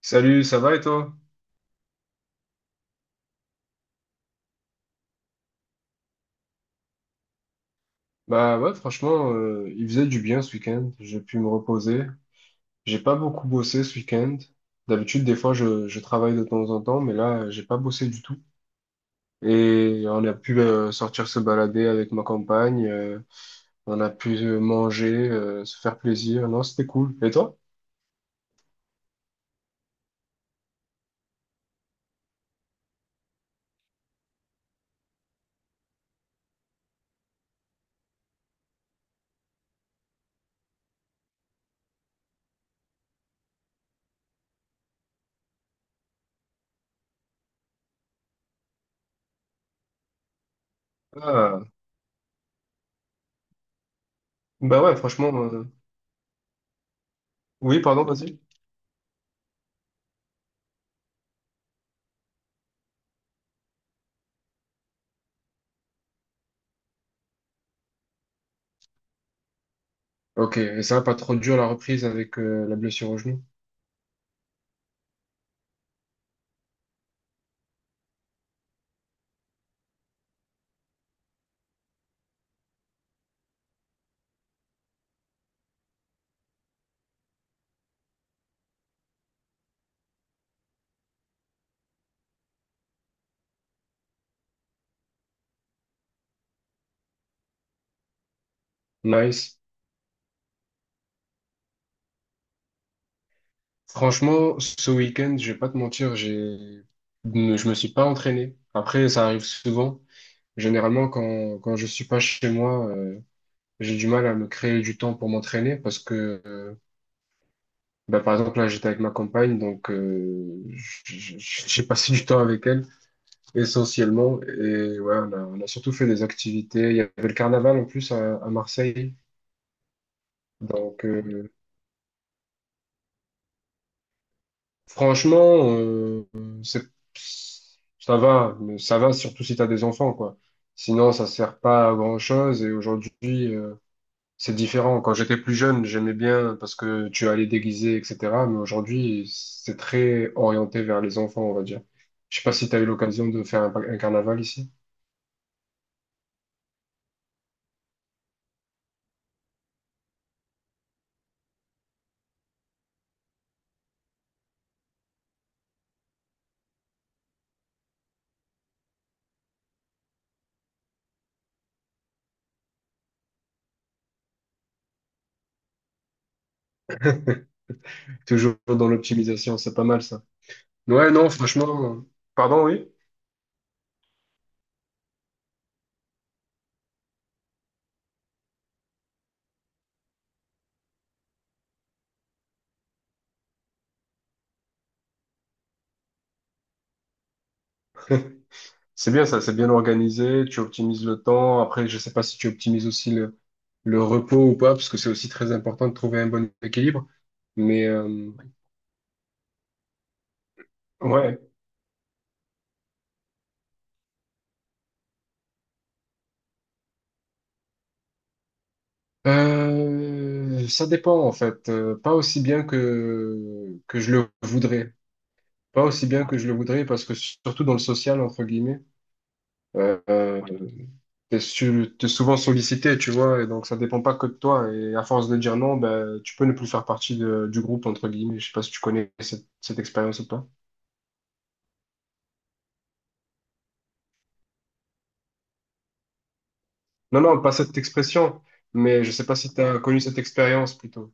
Salut, ça va et toi? Bah ouais, franchement, il faisait du bien ce week-end. J'ai pu me reposer. J'ai pas beaucoup bossé ce week-end. D'habitude, des fois, je travaille de temps en temps, mais là, j'ai pas bossé du tout. Et on a pu sortir se balader avec ma compagne. On a pu manger, se faire plaisir. Non, c'était cool. Et toi? Ah, bah ouais, franchement. Oui, pardon, vas-y. Ok, et ça va pas trop dur la reprise avec la blessure au genou. Nice. Franchement, ce week-end, je vais pas te mentir, j'ai, ne- je me suis pas entraîné. Après, ça arrive souvent. Généralement, quand je suis pas chez moi, j'ai du mal à me créer du temps pour m'entraîner parce que, bah, par exemple, là, j'étais avec ma compagne, donc, j'ai passé du temps avec elle, essentiellement. Et ouais, on a surtout fait des activités. Il y avait le carnaval, en plus, à Marseille. Donc, euh. Franchement, c'est, ça va, mais ça va surtout si tu as des enfants, quoi. Sinon, ça sert pas à grand-chose et aujourd'hui, c'est différent. Quand j'étais plus jeune, j'aimais bien parce que tu allais déguiser, etc. Mais aujourd'hui, c'est très orienté vers les enfants, on va dire. Je sais pas si tu as eu l'occasion de faire un carnaval ici. Toujours dans l'optimisation, c'est pas mal ça. Ouais, non, franchement, pardon, oui. C'est bien ça, c'est bien organisé, tu optimises le temps. Après, je sais pas si tu optimises aussi le repos ou pas, parce que c'est aussi très important de trouver un bon équilibre. Mais ouais. Ça dépend en fait. Pas aussi bien que je le voudrais. Pas aussi bien que je le voudrais, parce que surtout dans le social entre guillemets, euh, euh, t'es souvent sollicité, tu vois, et donc ça dépend pas que de toi. Et à force de dire non, ben tu peux ne plus faire partie de- du groupe entre guillemets. Je sais pas si tu connais cette expérience ou pas. Non, non, pas cette expression, mais je sais pas si tu as connu cette expérience plutôt.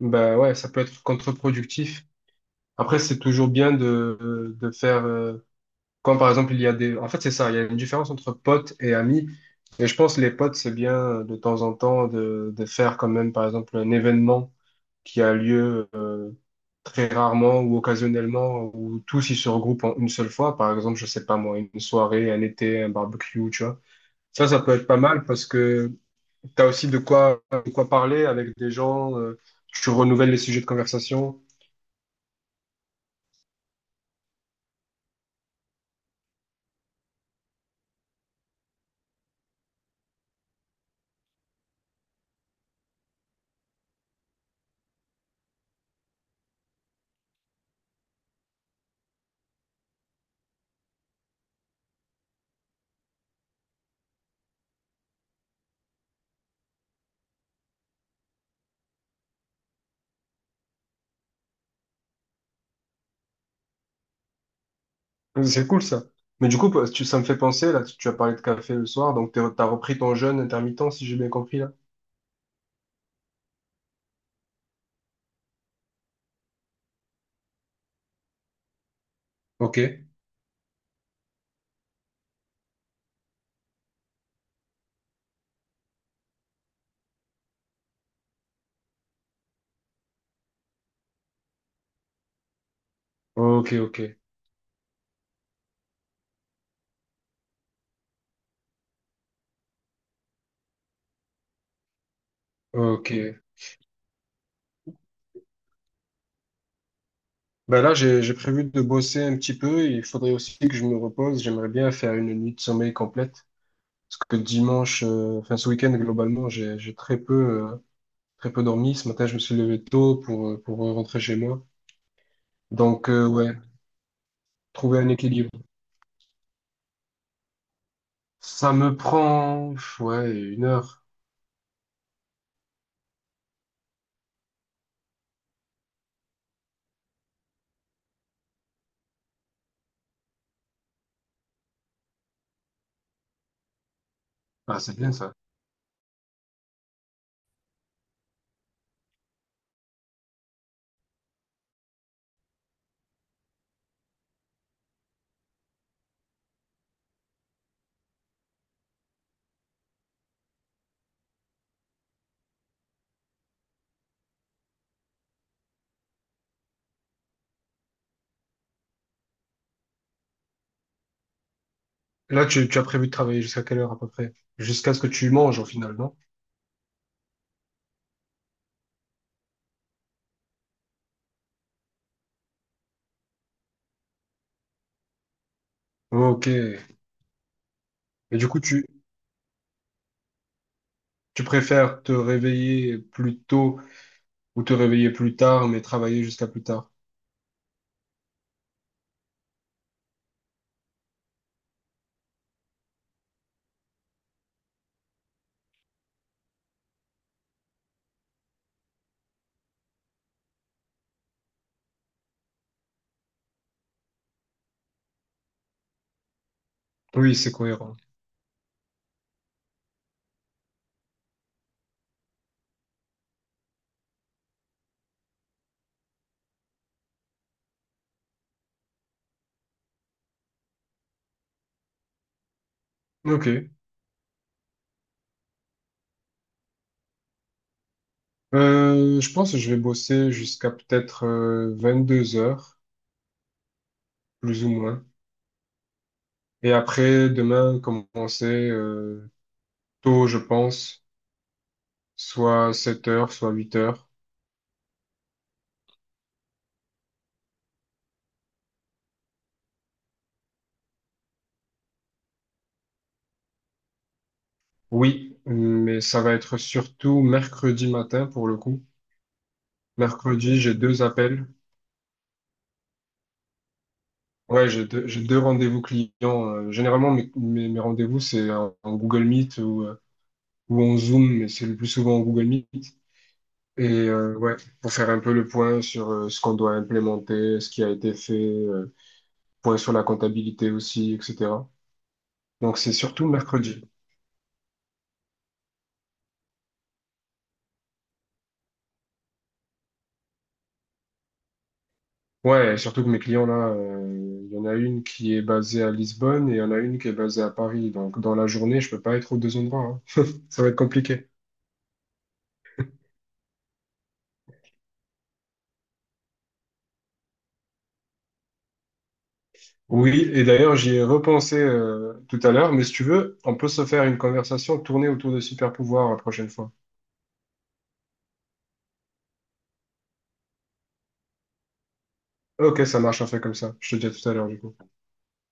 Ben ouais, ça peut être contre-productif. Après, c'est toujours bien de faire… quand par exemple, il y a des… En fait, c'est ça, il y a une différence entre potes et amis. Et je pense les potes, c'est bien de temps en temps de faire quand même, par exemple, un événement qui a lieu très rarement ou occasionnellement, où tous ils se regroupent en une seule fois. Par exemple, je sais pas moi, une soirée, un été, un barbecue, tu vois. Ça peut être pas mal parce que t'as aussi de quoi parler avec des gens, tu renouvelles les sujets de conversation. C'est cool ça. Mais du coup, tu- ça me fait penser, là, tu as parlé de café le soir, donc t'es- t'as repris ton jeûne intermittent, si j'ai bien compris, là. Ok, ok, ok, ok. Ben là, j'ai prévu de bosser un petit peu, il faudrait aussi que je me repose, j'aimerais bien faire une nuit de sommeil complète, parce que dimanche, enfin ce week-end, globalement, j'ai très peu, euh, très peu dormi, ce matin, je me suis levé tôt pour rentrer chez moi. Donc, ouais, trouver un équilibre. Ça me prend, pff, ouais, une heure. Ah, c'est bien ça. Là, tu as prévu de travailler jusqu'à quelle heure à peu près? Jusqu'à ce que tu manges au final, non? Ok. Et du coup, tu préfères te réveiller plus tôt ou te réveiller plus tard, mais travailler jusqu'à plus tard? Oui, c'est cohérent. Ok. Je pense que je vais bosser jusqu'à peut-être 22 heures, plus ou moins. Et après, demain, commencer tôt, je pense, soit 7 heures, soit 8 heures. Oui, mais ça va être surtout mercredi matin pour le coup. Mercredi, j'ai 2 appels. Ouais, j'ai 2 rendez-vous clients. Généralement, mes rendez-vous, c'est en Google Meet ou en Zoom, mais c'est le plus souvent en Google Meet. Et ouais, pour faire un peu le point sur ce qu'on doit implémenter, ce qui a été fait, point sur la comptabilité aussi, etc. Donc c'est surtout mercredi. Ouais, surtout que mes clients là, il y en a une qui est basée à Lisbonne et il y en a une qui est basée à Paris. Donc dans la journée, je peux pas être aux deux endroits, hein. Ça va être compliqué. Oui, et d'ailleurs j'y ai repensé tout à l'heure, mais si tu veux, on peut se faire une conversation tournée autour de super pouvoirs la prochaine fois. Ok, ça marche, on fait comme ça. Je te dis à tout à l'heure du coup.